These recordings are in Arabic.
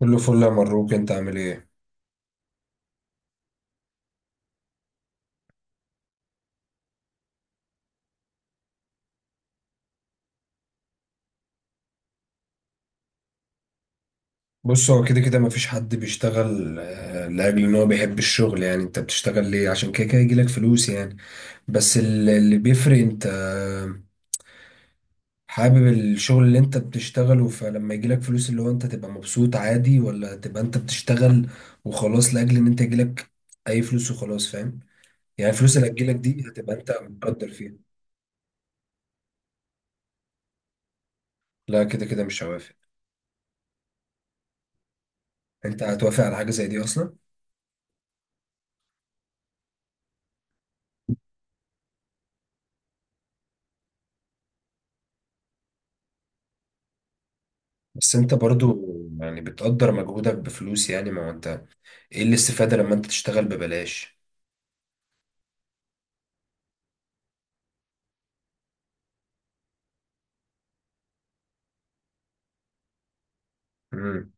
كله فل يا مروك، انت عامل ايه؟ بص هو كده كده مفيش حد بيشتغل لاجل ان هو بيحب الشغل، يعني انت بتشتغل ليه؟ عشان كده كده يجيلك فلوس يعني. اللي بيفرق انت حابب الشغل اللي انت بتشتغله، فلما يجيلك فلوس اللي هو انت تبقى مبسوط عادي، ولا تبقى انت بتشتغل وخلاص لاجل ان انت يجيلك اي فلوس وخلاص، فاهم؟ يعني الفلوس اللي هتجيلك دي هتبقى انت مقدر فيها. لا كده كده مش هوافق. انت هتوافق على حاجة زي دي اصلا؟ بس انت برضو يعني بتقدر مجهودك بفلوس، يعني ما هو انت، ايه الاستفادة لما انت تشتغل ببلاش؟ مم.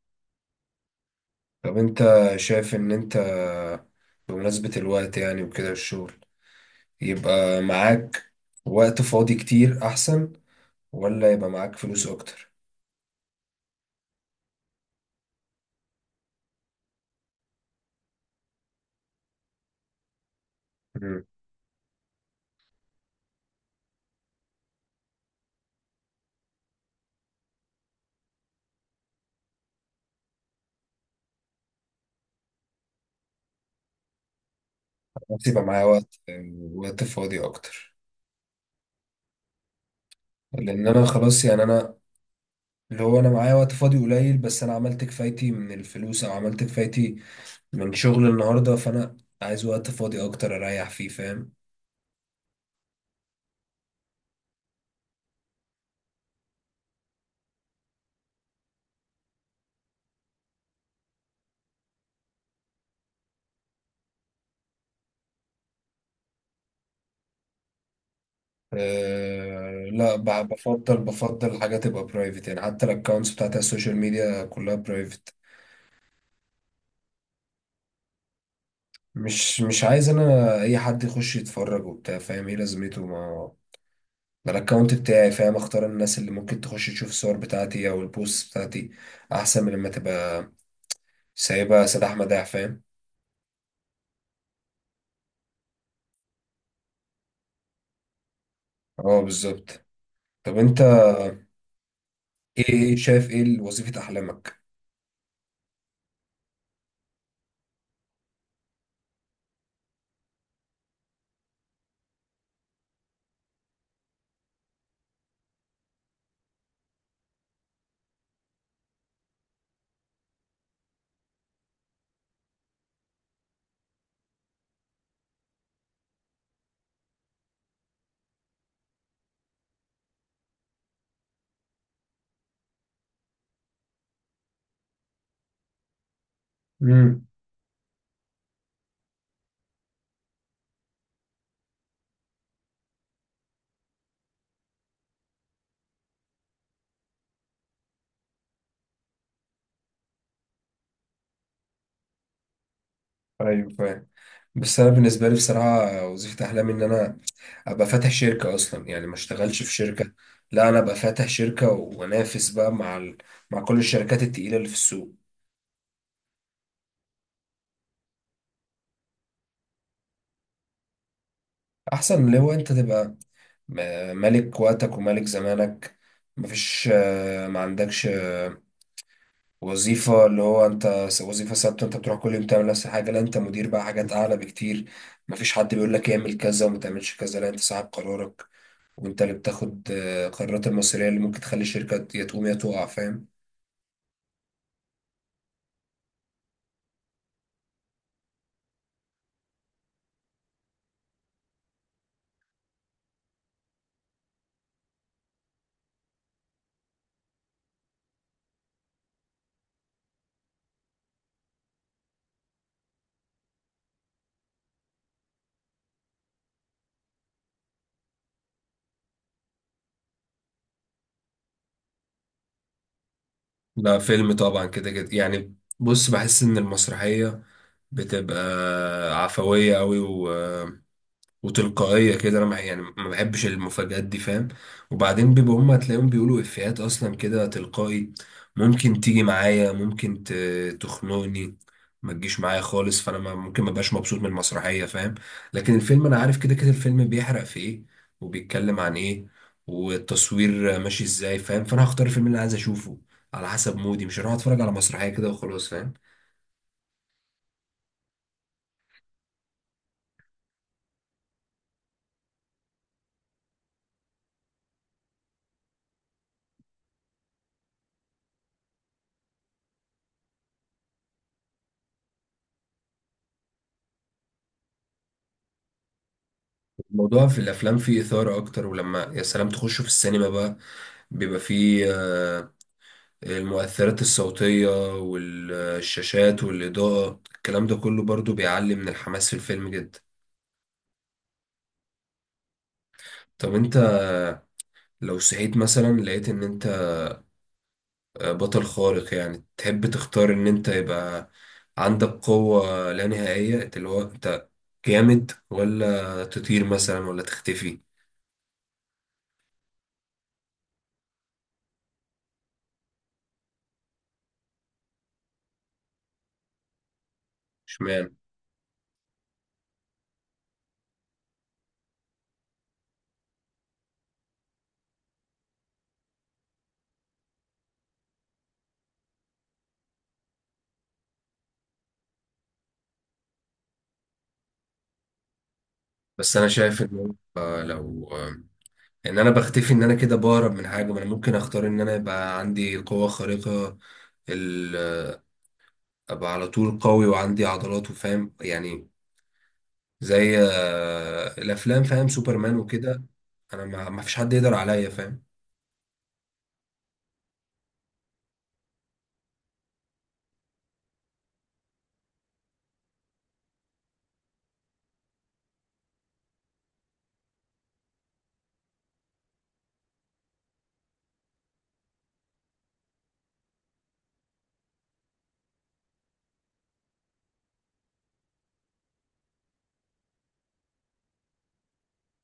طب انت شايف ان انت بمناسبة الوقت يعني وكده والشغل، يبقى معاك وقت فاضي كتير احسن، ولا يبقى معاك فلوس اكتر؟ مم. خلاص يبقى معايا وقت، وقت فاضي اكتر. لان انا خلاص يعني انا اللي هو انا معايا وقت فاضي قليل، بس انا عملت كفايتي من الفلوس او عملت كفايتي من شغل النهارده، فانا عايز وقت فاضي اكتر اريح فيه، فاهم؟ أه لا بفضل بفضل حاجه تبقى برايفت، يعني حتى الاكونتس بتاعت السوشيال ميديا كلها برايفت. مش عايز انا اي حد يخش يتفرج وبتاع، فاهم ايه لازمته؟ ما الاكونت بتاعي، فاهم، اختار الناس اللي ممكن تخش تشوف الصور بتاعتي او البوست بتاعتي، احسن من لما تبقى سايبها سداح مداح، فاهم؟ اه بالظبط. طب انت ايه شايف ايه وظيفه احلامك؟ مم. ايوه فاهم. بس انا بالنسبه لي بصراحه وظيفه احلامي ان انا ابقى فاتح شركه اصلا، يعني ما اشتغلش في شركه. لا انا ابقى فاتح شركه وانافس بقى مع كل الشركات التقيله اللي في السوق. احسن من اللي هو انت تبقى ملك وقتك وملك زمانك. مفيش ما عندكش وظيفه اللي هو انت وظيفه ثابته انت بتروح كل يوم تعمل نفس الحاجه. لا انت مدير بقى حاجات اعلى بكتير. مفيش حد بيقول لك اعمل كذا وما تعملش كذا، لا انت صاحب قرارك، وانت اللي بتاخد قرارات المصيرية اللي ممكن تخلي الشركة يا تقوم يا تقع، فاهم؟ ده فيلم طبعا كده كده يعني. بص بحس ان المسرحية بتبقى عفوية قوي وتلقائية كده، انا يعني ما بحبش المفاجآت دي، فاهم؟ وبعدين بيبقى هم هتلاقيهم بيقولوا افيهات اصلا كده تلقائي، ممكن تيجي معايا ممكن تخنقني، ما تجيش معايا خالص، فانا ممكن ما بقاش مبسوط من المسرحية، فاهم؟ لكن الفيلم انا عارف كده كده الفيلم بيحرق في ايه وبيتكلم عن ايه والتصوير ماشي ازاي، فاهم؟ فانا هختار الفيلم اللي عايز اشوفه على حسب مودي، مش هروح اتفرج على مسرحية كده وخلاص، فاهم؟ الموضوع في الافلام فيه اثارة اكتر، ولما يا سلام تخشوا في السينما بقى، بيبقى فيه المؤثرات الصوتية والشاشات والإضاءة، الكلام ده كله برضو بيعلي من الحماس في الفيلم جدا. طب انت لو صحيت مثلا لقيت ان انت بطل خارق، يعني تحب تختار ان انت يبقى عندك قوة لا نهائية اللي هو انت جامد، ولا تطير مثلا، ولا تختفي؟ اشمعنى؟ بس انا شايف ان آه، لو آه، ان انا بختفي ان انا كده بهرب من حاجة، ما انا ممكن اختار ان انا يبقى عندي قوة خارقة، ال- ابقى على طول قوي وعندي عضلات، وفاهم يعني زي الافلام، فاهم؟ سوبرمان وكده، انا ما فيش حد يقدر عليا، فاهم؟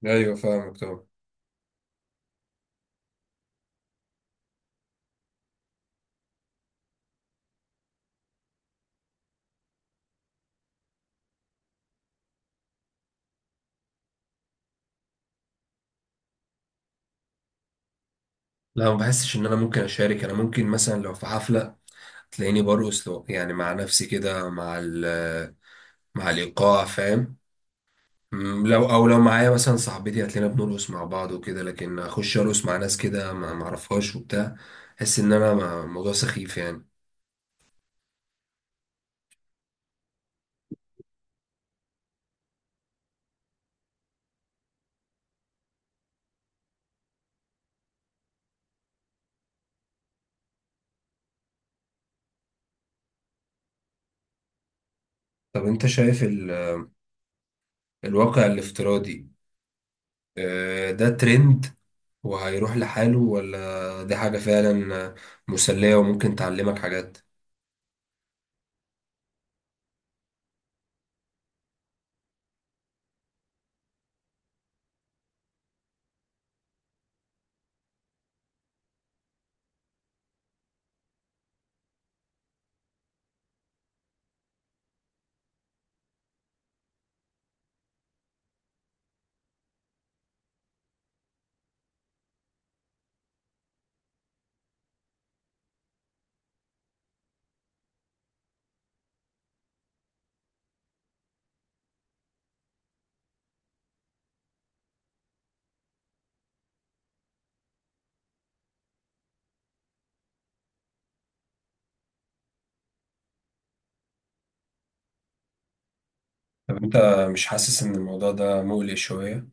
ايوه فاهمك طبعا. لا ما بحسش ان انا ممكن اشارك. انا ممكن مثلا لو في حفله تلاقيني برقص، يعني مع نفسي كده مع الايقاع، فاهم؟ لو او لو معايا مثلا صاحبتي هتلاقينا بنرقص مع بعض وكده، لكن اخش ارقص مع ناس كده ما اعرفهاش وبتاع، احس ان انا الموضوع سخيف يعني. طب انت شايف الواقع الافتراضي ده ترند وهيروح لحاله، ولا دي حاجة فعلا مسلية وممكن تعلمك حاجات؟ طب انت مش حاسس ان الموضوع ده مقلق شوية؟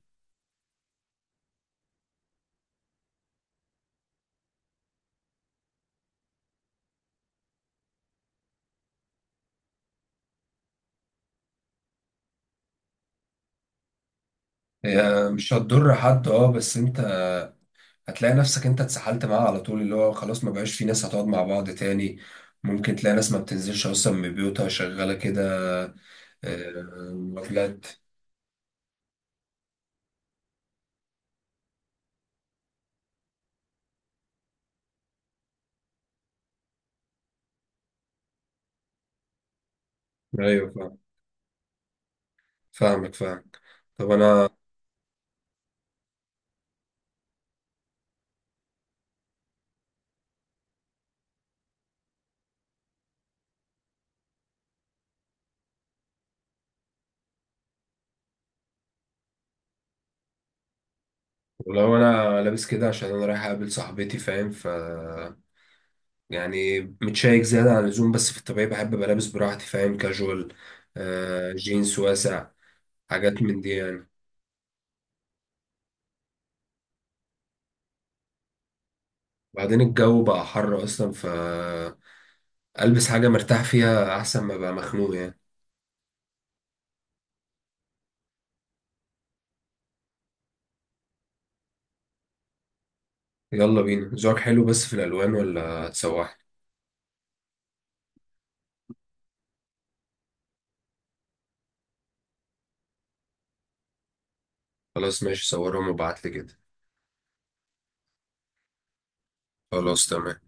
هي مش هتضر حد اه، بس انت هتلاقي نفسك انت اتسحلت معاه على طول اللي هو خلاص ما بقاش في ناس هتقعد مع بعض تاني. ممكن تلاقي ناس ما بتنزلش اصلا من بيوتها شغالة كده. مقابلات. ايوه فاهم. فاهمك فاهمك. طب انا، لو انا لابس كده عشان انا رايح اقابل صاحبتي، فاهم؟ ف يعني متشيك زيادة عن اللزوم، بس في الطبيعي بحب أبقى لابس براحتي، فاهم؟ كاجوال، آه جينز واسع، حاجات من دي يعني. بعدين الجو بقى حر أصلا، فألبس حاجة مرتاح فيها أحسن ما أبقى مخنوق يعني. يلا بينا. زوج حلو بس في الألوان ولا هتسوحني؟ خلاص ماشي، صورهم وابعتلي كده. خلاص تمام.